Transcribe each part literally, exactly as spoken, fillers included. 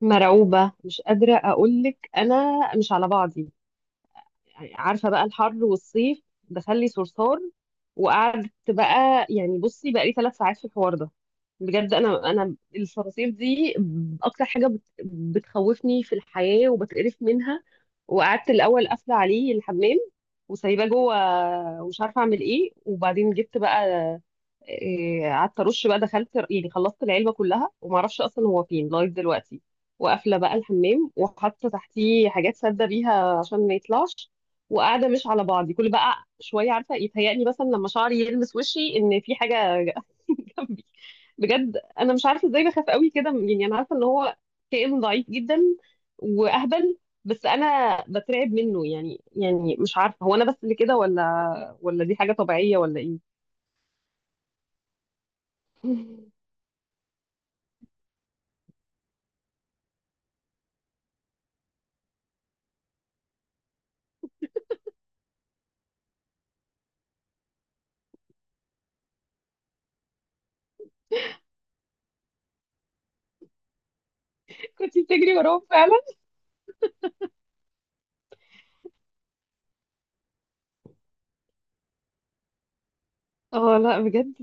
مرعوبة، مش قادرة أقولك، أنا مش على بعضي. يعني عارفة بقى الحر والصيف دخلي صرصار. وقعدت بقى يعني بصي بقى لي ثلاث ساعات في الحوار ده. بجد أنا أنا الصراصير دي أكتر حاجة بت بتخوفني في الحياة وبتقرف منها. وقعدت الأول قافلة عليه الحمام وسايباه جوه، ومش عارفة أعمل إيه. وبعدين جبت بقى إيه، قعدت ارش بقى، دخلت يعني خلصت العلبه كلها وما اعرفش اصلا هو فين لغايه دلوقتي. وقافله بقى الحمام وحاطه تحتيه حاجات ساده بيها عشان ما يطلعش. وقاعده مش على بعضي، كل بقى شويه عارفه يتهيألي مثلا لما شعري يلمس وشي ان في حاجه جنبي. بجد انا مش عارفه ازاي بخاف قوي كده، يعني انا عارفه ان هو كائن ضعيف جدا واهبل، بس انا بترعب منه. يعني يعني مش عارفه هو انا بس اللي كده ولا ولا دي حاجه طبيعيه ولا ايه. كنت بتجري وراهم فعلا؟ اه لا بجد،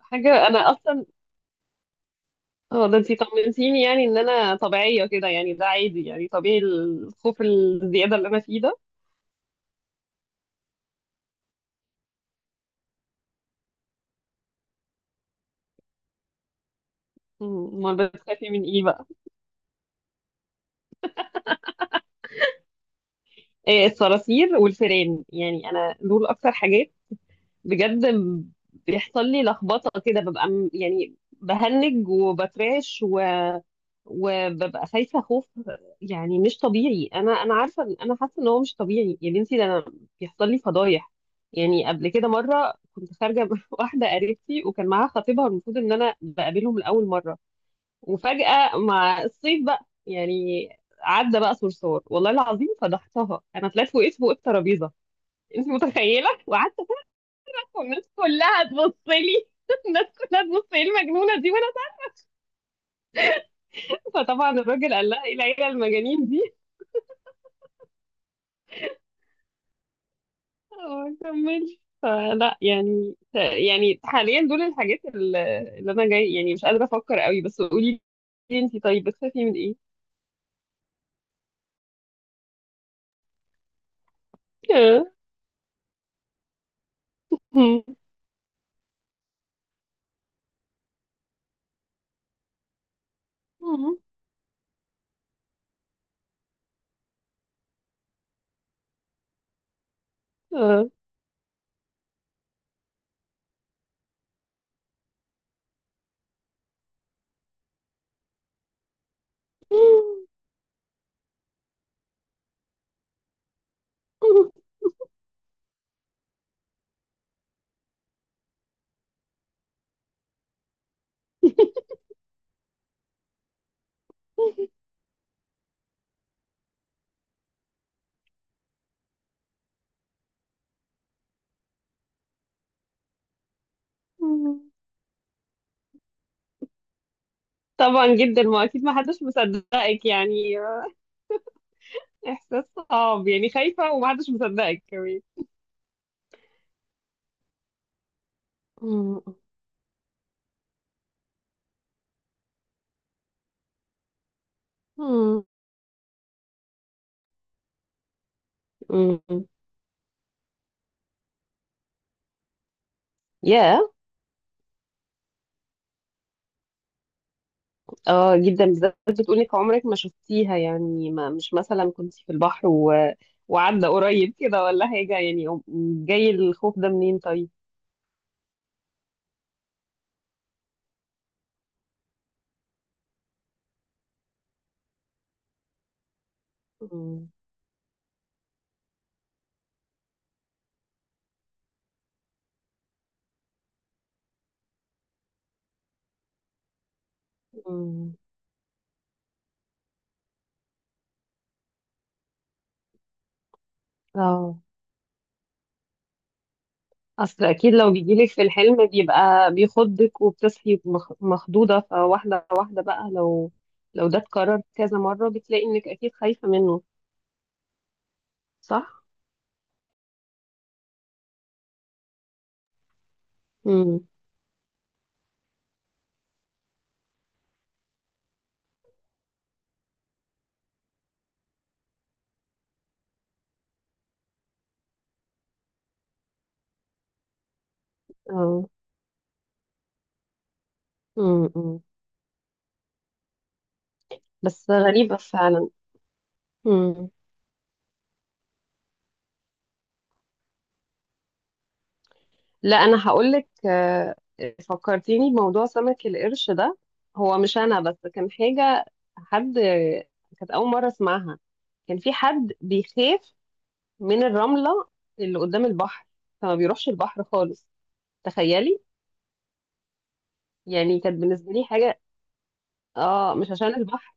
حاجة أنا أصلا. اه ده انتي طمنتيني يعني إن أنا طبيعية كده، يعني ده عادي، يعني طبيعي الخوف الزيادة اللي أنا فيه ده. أمال بتخافي من إيه بقى؟ إيه، الصراصير والفئران، يعني أنا دول أكتر حاجات بجد. بيحصل لي لخبطة كده، ببقى م- يعني بهنج وبترعش و... وببقى خايفة خوف يعني مش طبيعي. أنا أنا عارفة إن- أنا حاسة إن هو مش طبيعي يا بنتي، ده أنا بيحصل لي فضايح. يعني قبل كده مرة كنت خارجة مع واحدة قريبتي، وكان معاها خطيبها، والمفروض إن أنا بقابلهم لأول مرة. وفجأة مع الصيف بقى يعني عدى بقى صرصار، والله العظيم فضحتها، أنا طلعت وقفت فوق الترابيزة. أنت متخيلة؟ وقعدت والناس كلها تبص لي، الناس كلها تبص ايه المجنونه دي، وانا ساكته. فطبعا الراجل قال لها ايه العيله المجانين دي. وما كملش، فلا يعني. يعني حاليا دول الحاجات ال- اللي انا جاي يعني مش قادره افكر قوي، بس قولي لي انتي، طيب بتخافي من ايه؟ طبعا جدا ما اكيد ما حدش مصدقك يعني، احساس صعب يعني خايفه وما حدش مصدقك كمان. يا. اه جدا، بالذات بتقولك عمرك ما شفتيها، يعني ما مش مثلا كنت في البحر و... وعدى قريب كده ولا حاجة يعني أم- جاي الخوف ده منين طيب؟ مم. مم. اه. اصل اكيد لو بيجيلك في الحلم بيبقى بيخضك وبتصحي مخ- مخضوضة، فواحدة واحدة بقى، لو لو ده اتكرر كذا مرة بتلاقي انك اكيد خايفة منه. صح؟ مم. اه. مم. مم. بس غريبة فعلا. لا انا هقولك، آه، فكرتيني بموضوع سمك القرش ده، هو مش انا بس كان حاجه، حد كانت اول مره اسمعها. كان في حد بيخاف من الرمله اللي قدام البحر، فما بيروحش البحر خالص. تخيلي. يعني كانت بالنسبه لي حاجه. اه، مش عشان البحر،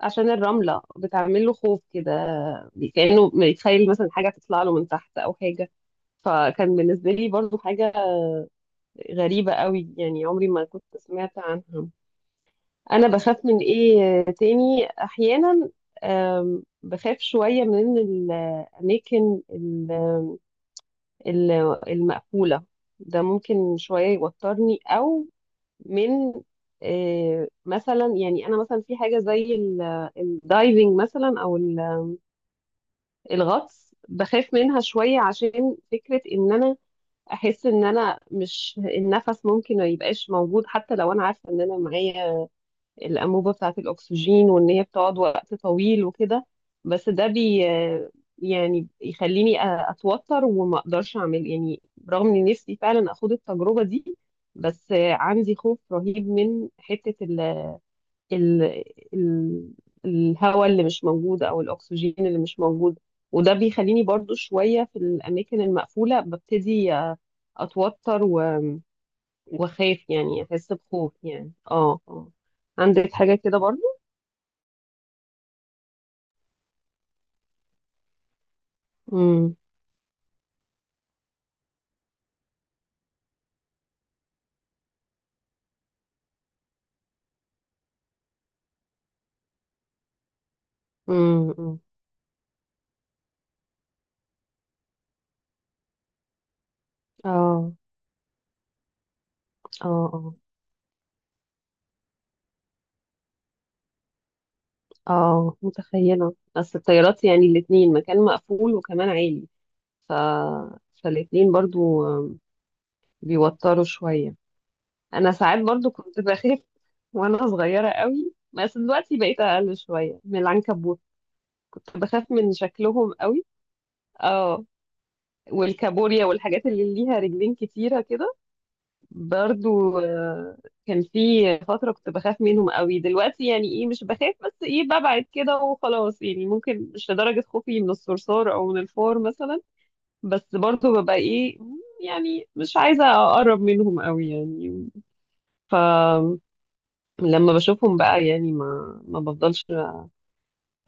عشان الرمله بتعمل له خوف كده، كانه بيتخيل مثلا حاجه تطلع له من تحت او حاجه. فكان بالنسبه لي برضو حاجه غريبه قوي، يعني عمري ما كنت سمعت عنها. انا بخاف من ايه تاني احيانا؟ أم، بخاف شوية من الأماكن ال- ال- المقفولة. ده ممكن شوية يوترني، أو من آه، مثلا، يعني أنا مثلا في حاجة زي الدايفنج مثلا أو ال- الغطس، بخاف منها شوية عشان فكرة إن أنا أحس إن أنا مش النفس ممكن ما يبقاش موجود، حتى لو أنا عارفة إن أنا معايا الأنبوبة بتاعة الأكسجين وإن هي بتقعد وقت طويل وكده. بس ده بي يعني يخليني أ- أتوتر وما أقدرش أعمل يعني، رغم إني نفسي فعلا أخد التجربة دي. بس عندي خوف رهيب من حتة ال ال ال الهواء اللي مش موجود أو الأكسجين اللي مش موجود. وده بيخليني برضو شوية في الأماكن المقفولة ببتدي أ- أتوتر و- وأخاف يعني أحس بخوف يعني اه اه. عندك حاجة كده برضو؟ امم. امم. امم. اه. اه. اه. اه متخيلة، اصل الطيارات يعني الاتنين مكان مقفول وكمان عالي. ف فالاتنين برضو بيوتروا شوية. انا ساعات برضو كنت بخاف وانا صغيرة قوي، بس دلوقتي بقيت اقل شوية. من العنكبوت كنت بخاف من شكلهم قوي. اه، والكابوريا والحاجات اللي ليها رجلين كتيرة كده برضو، آه، كان في فترة كنت بخاف منهم قوي. دلوقتي يعني ايه، مش بخاف بس ايه ببعد كده وخلاص، يعني ممكن مش لدرجة خوفي من الصرصار او من الفار مثلا، بس برضو ببقى ايه، يعني مش عايزة اقرب منهم قوي يعني. فلما بشوفهم بقى يعني ما ما بفضلش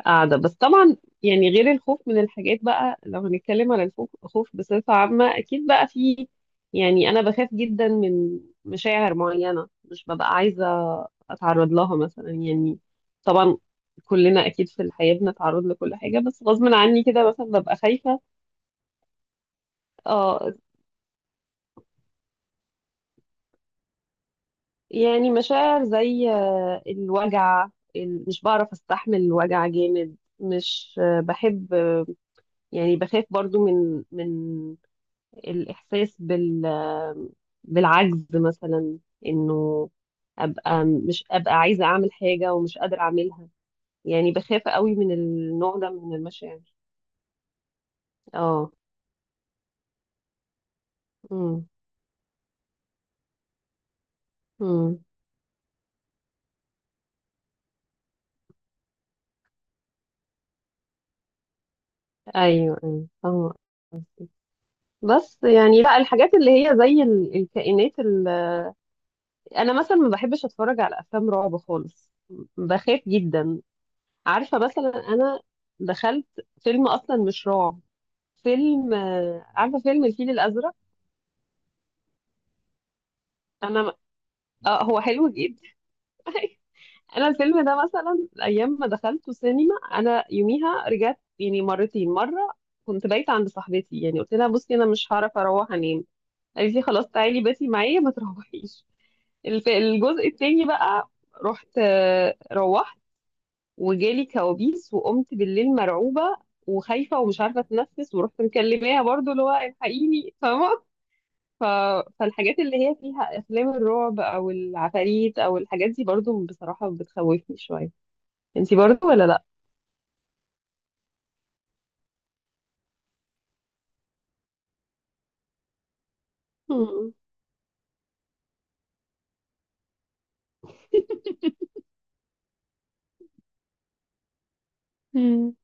قاعدة. بس طبعا يعني غير الخوف من الحاجات بقى، لو هنتكلم على الخوف، خوف بصفة عامة أكيد بقى في، يعني أنا بخاف جدا من مشاعر معينة، مش ببقى عايزة أتعرض لها مثلا يعني. طبعا كلنا أكيد في الحياة بنتعرض لكل حاجة، بس غصب عني كده مثلا ببقى خايفة. اه، يعني مشاعر زي آه، الوجع، ال- مش بعرف أستحمل الوجع جامد، مش آه، بحب آه، يعني بخاف برضو من من الإحساس بال بالعجز مثلا، إنه أبقى مش أبقى عايزة أعمل حاجة ومش قادرة أعملها. يعني بخاف قوي من النوع ده من المشاعر. اه. امم. امم. ايوه ايوه فاهمة قصدك. بس يعني لا، الحاجات اللي هي زي ال- الكائنات ال... انا مثلا ما بحبش اتفرج على افلام رعب خالص، بخاف جدا. عارفه مثلا انا دخلت فيلم اصلا مش رعب، فيلم آه، عارفه فيلم الفيل الازرق. انا اه هو حلو جدا. انا الفيلم ده مثلا ايام ما دخلته سينما، انا يوميها رجعت يعني مرتين. مره كنت بايته عند صاحبتي، يعني قلت لها بصي انا مش هعرف اروح انام، قالت لي خلاص تعالي باتي معايا ما تروحيش. الف- الجزء التاني بقى رحت، آه، روحت، وجالي كوابيس وقمت بالليل مرعوبه وخايفه ومش عارفه اتنفس، ورحت مكلماها برضو اللي هو الحقيني فاهمه. ف... فالحاجات اللي هي فيها افلام الرعب او العفاريت او الحاجات دي برضو بصراحة بتخوفني شوية. انتي برضو ولا لا؟ مم. مم.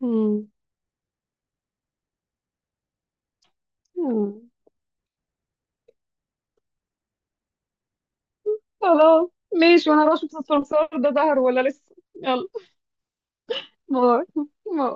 مم. مم. خلاص. ماشي، وانا راشد الصرصار ده ظهر ولا لسه، يلا. باي. باي.